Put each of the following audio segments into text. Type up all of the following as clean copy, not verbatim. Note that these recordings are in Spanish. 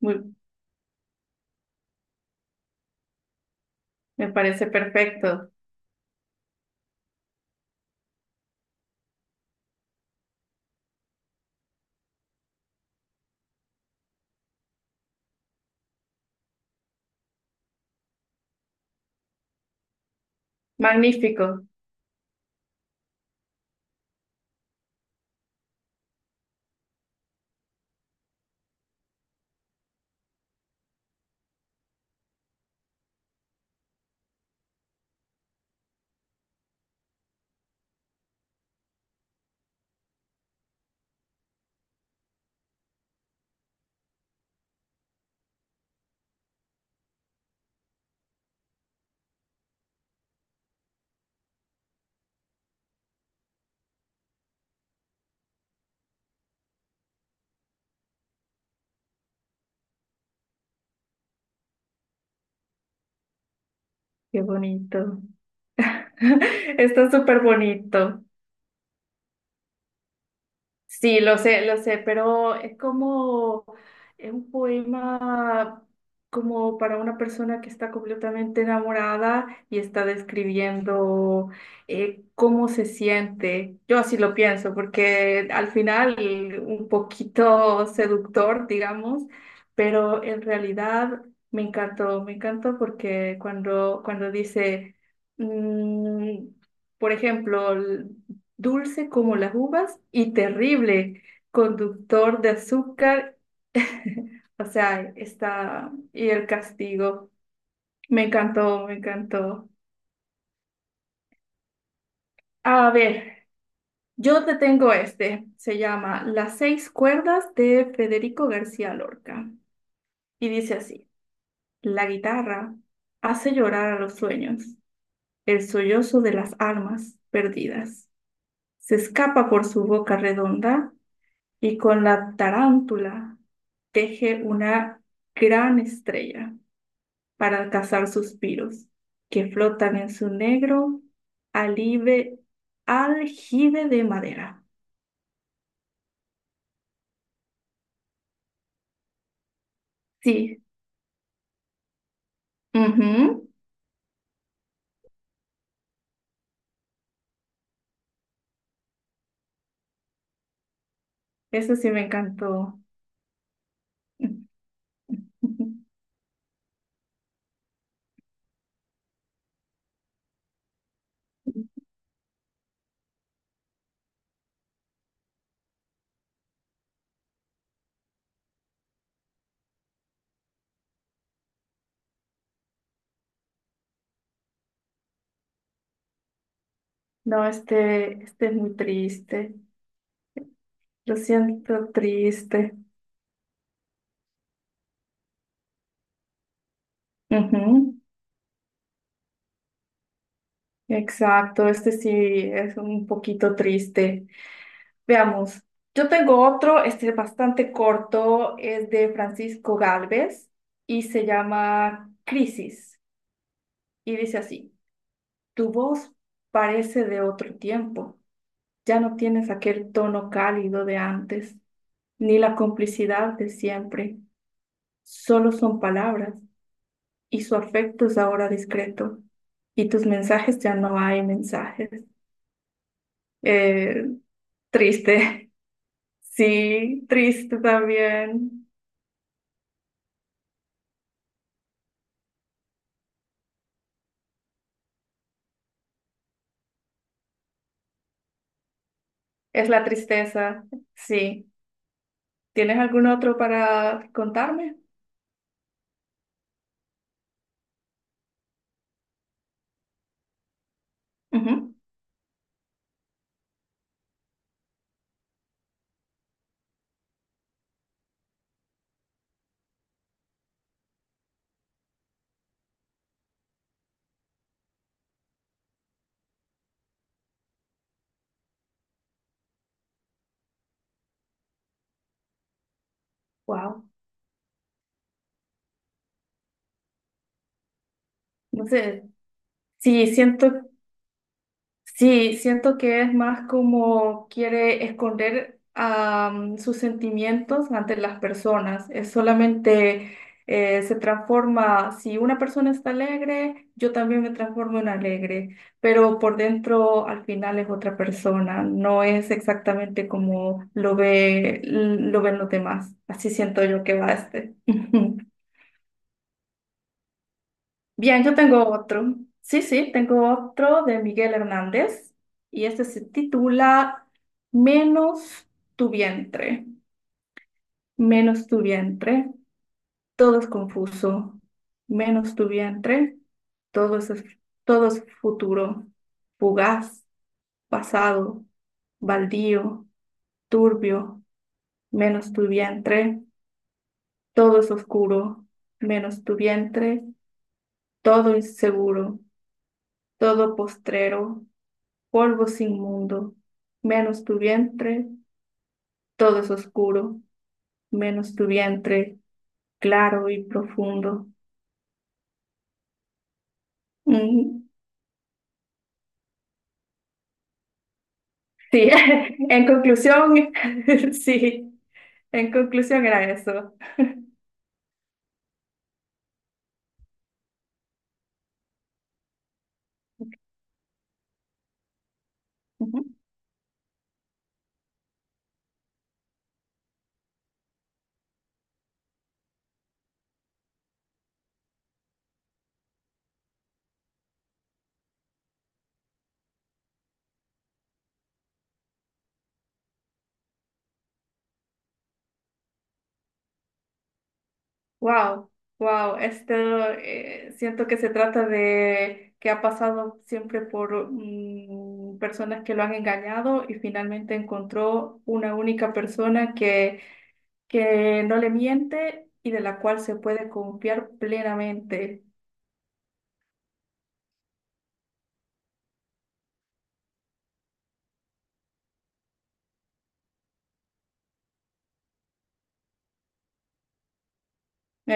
Muy- Me parece perfecto. Magnífico. Qué bonito. Está súper bonito. Sí, lo sé, pero es como, es un poema como para una persona que está completamente enamorada y está describiendo cómo se siente. Yo así lo pienso, porque al final un poquito seductor, digamos, pero en realidad me encantó porque cuando dice, mm, por ejemplo, dulce como las uvas y terrible, conductor de azúcar, o sea, está, y el castigo. Me encantó, me encantó. A ver, yo te tengo este, se llama Las seis cuerdas de Federico García Lorca, y dice así, la guitarra hace llorar a los sueños, el sollozo de las almas perdidas. Se escapa por su boca redonda y con la tarántula teje una gran estrella para alcanzar suspiros que flotan en su negro alive, aljibe de madera. Sí, ujú. Eso sí me encantó. No, este es muy triste. Lo siento triste. Ujú. Exacto, este sí es un poquito triste. Veamos, yo tengo otro, este es bastante corto, es de Francisco Gálvez y se llama Crisis y dice así, tu voz parece de otro tiempo, ya no tienes aquel tono cálido de antes, ni la complicidad de siempre, solo son palabras y su afecto es ahora discreto y tus mensajes ya no hay mensajes. Eh, triste, sí, triste también. Es la tristeza, sí. ¿Tienes algún otro para contarme? Wow, no sé. Sí, siento. Sí, siento que es más como quiere esconder sus sentimientos ante las personas. Es solamente se transforma, si una persona está alegre, yo también me transformo en alegre, pero por dentro al final es otra persona, no es exactamente como lo ve, lo ven los demás. Así siento yo que va este. Bien, yo tengo otro. Sí, sí, tengo otro de Miguel Hernández y este se titula Menos tu vientre, menos tu vientre, todo es confuso, menos tu vientre, todo es, todo es futuro, fugaz, pasado, baldío, turbio, menos tu vientre, todo es oscuro, menos tu vientre, todo inseguro, todo postrero polvo sin mundo, menos tu vientre, todo es oscuro, menos tu vientre, claro y profundo. Mm, sí, en conclusión, sí, en conclusión era eso. Ujú. Wow, wow, esto siento que se trata de que ha pasado siempre por mm, personas que lo han engañado y finalmente encontró una única persona que no le miente y de la cual se puede confiar plenamente.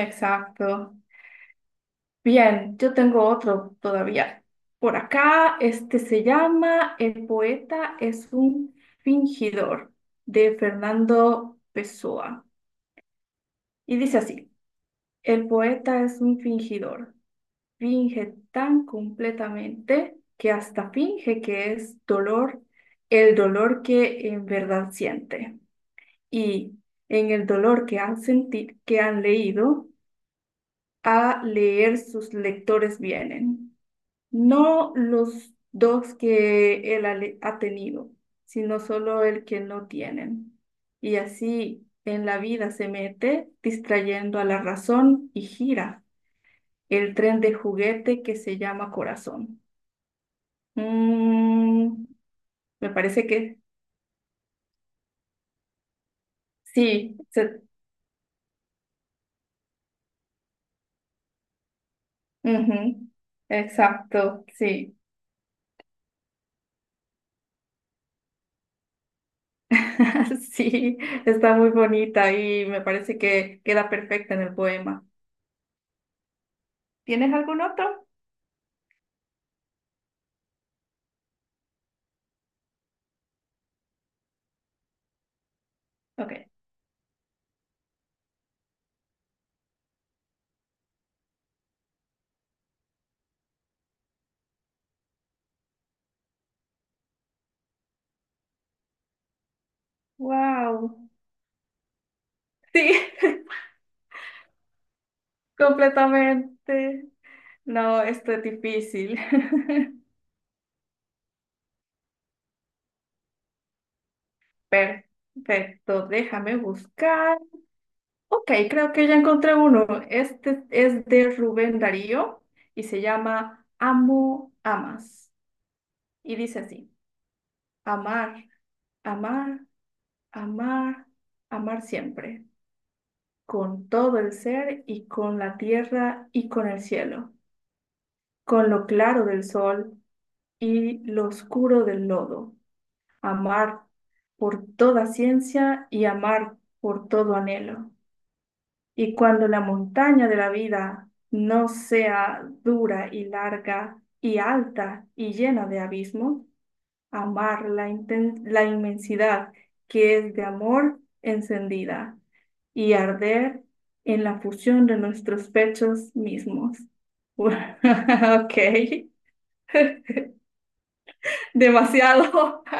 Exacto. Bien, yo tengo otro todavía. Por acá, este se llama El poeta es un fingidor de Fernando Pessoa. Y dice así, el poeta es un fingidor, finge tan completamente que hasta finge que es dolor, el dolor que en verdad siente. Y en el dolor que han sentido, que han leído, a leer sus lectores vienen. No los dos que ha tenido, sino solo el que no tienen. Y así en la vida se mete, distrayendo a la razón y gira el tren de juguete que se llama Corazón. Mm, me parece que sí, ujú, exacto, sí. Sí, está muy bonita y me parece que queda perfecta en el poema. ¿Tienes algún otro? Ok. Wow. Sí, completamente. No, esto es difícil. Perfecto, déjame buscar. Ok, creo que ya encontré uno. Este es de Rubén Darío y se llama Amo, amas. Y dice así, amar, amar, amar, amar siempre, con todo el ser y con la tierra y con el cielo, con lo claro del sol y lo oscuro del lodo. Amar por toda ciencia y amar por todo anhelo. Y cuando la montaña de la vida no sea dura y larga y alta y llena de abismos, la inmensidad que es de amor encendida y arder en la fusión de nuestros pechos mismos. Ok, demasiado.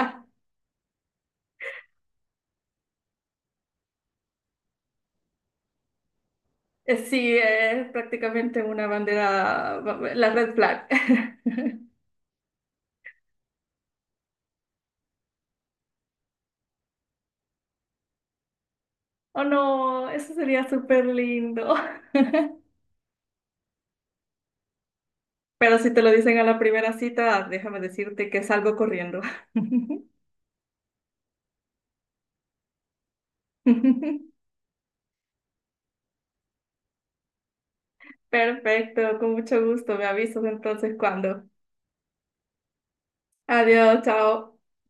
Sí, es prácticamente una bandera, la red flag. Oh no, eso sería súper lindo. Pero si te lo dicen a la primera cita, déjame decirte que salgo corriendo. Perfecto, con mucho gusto. Me avisas entonces cuando. Adiós, chao.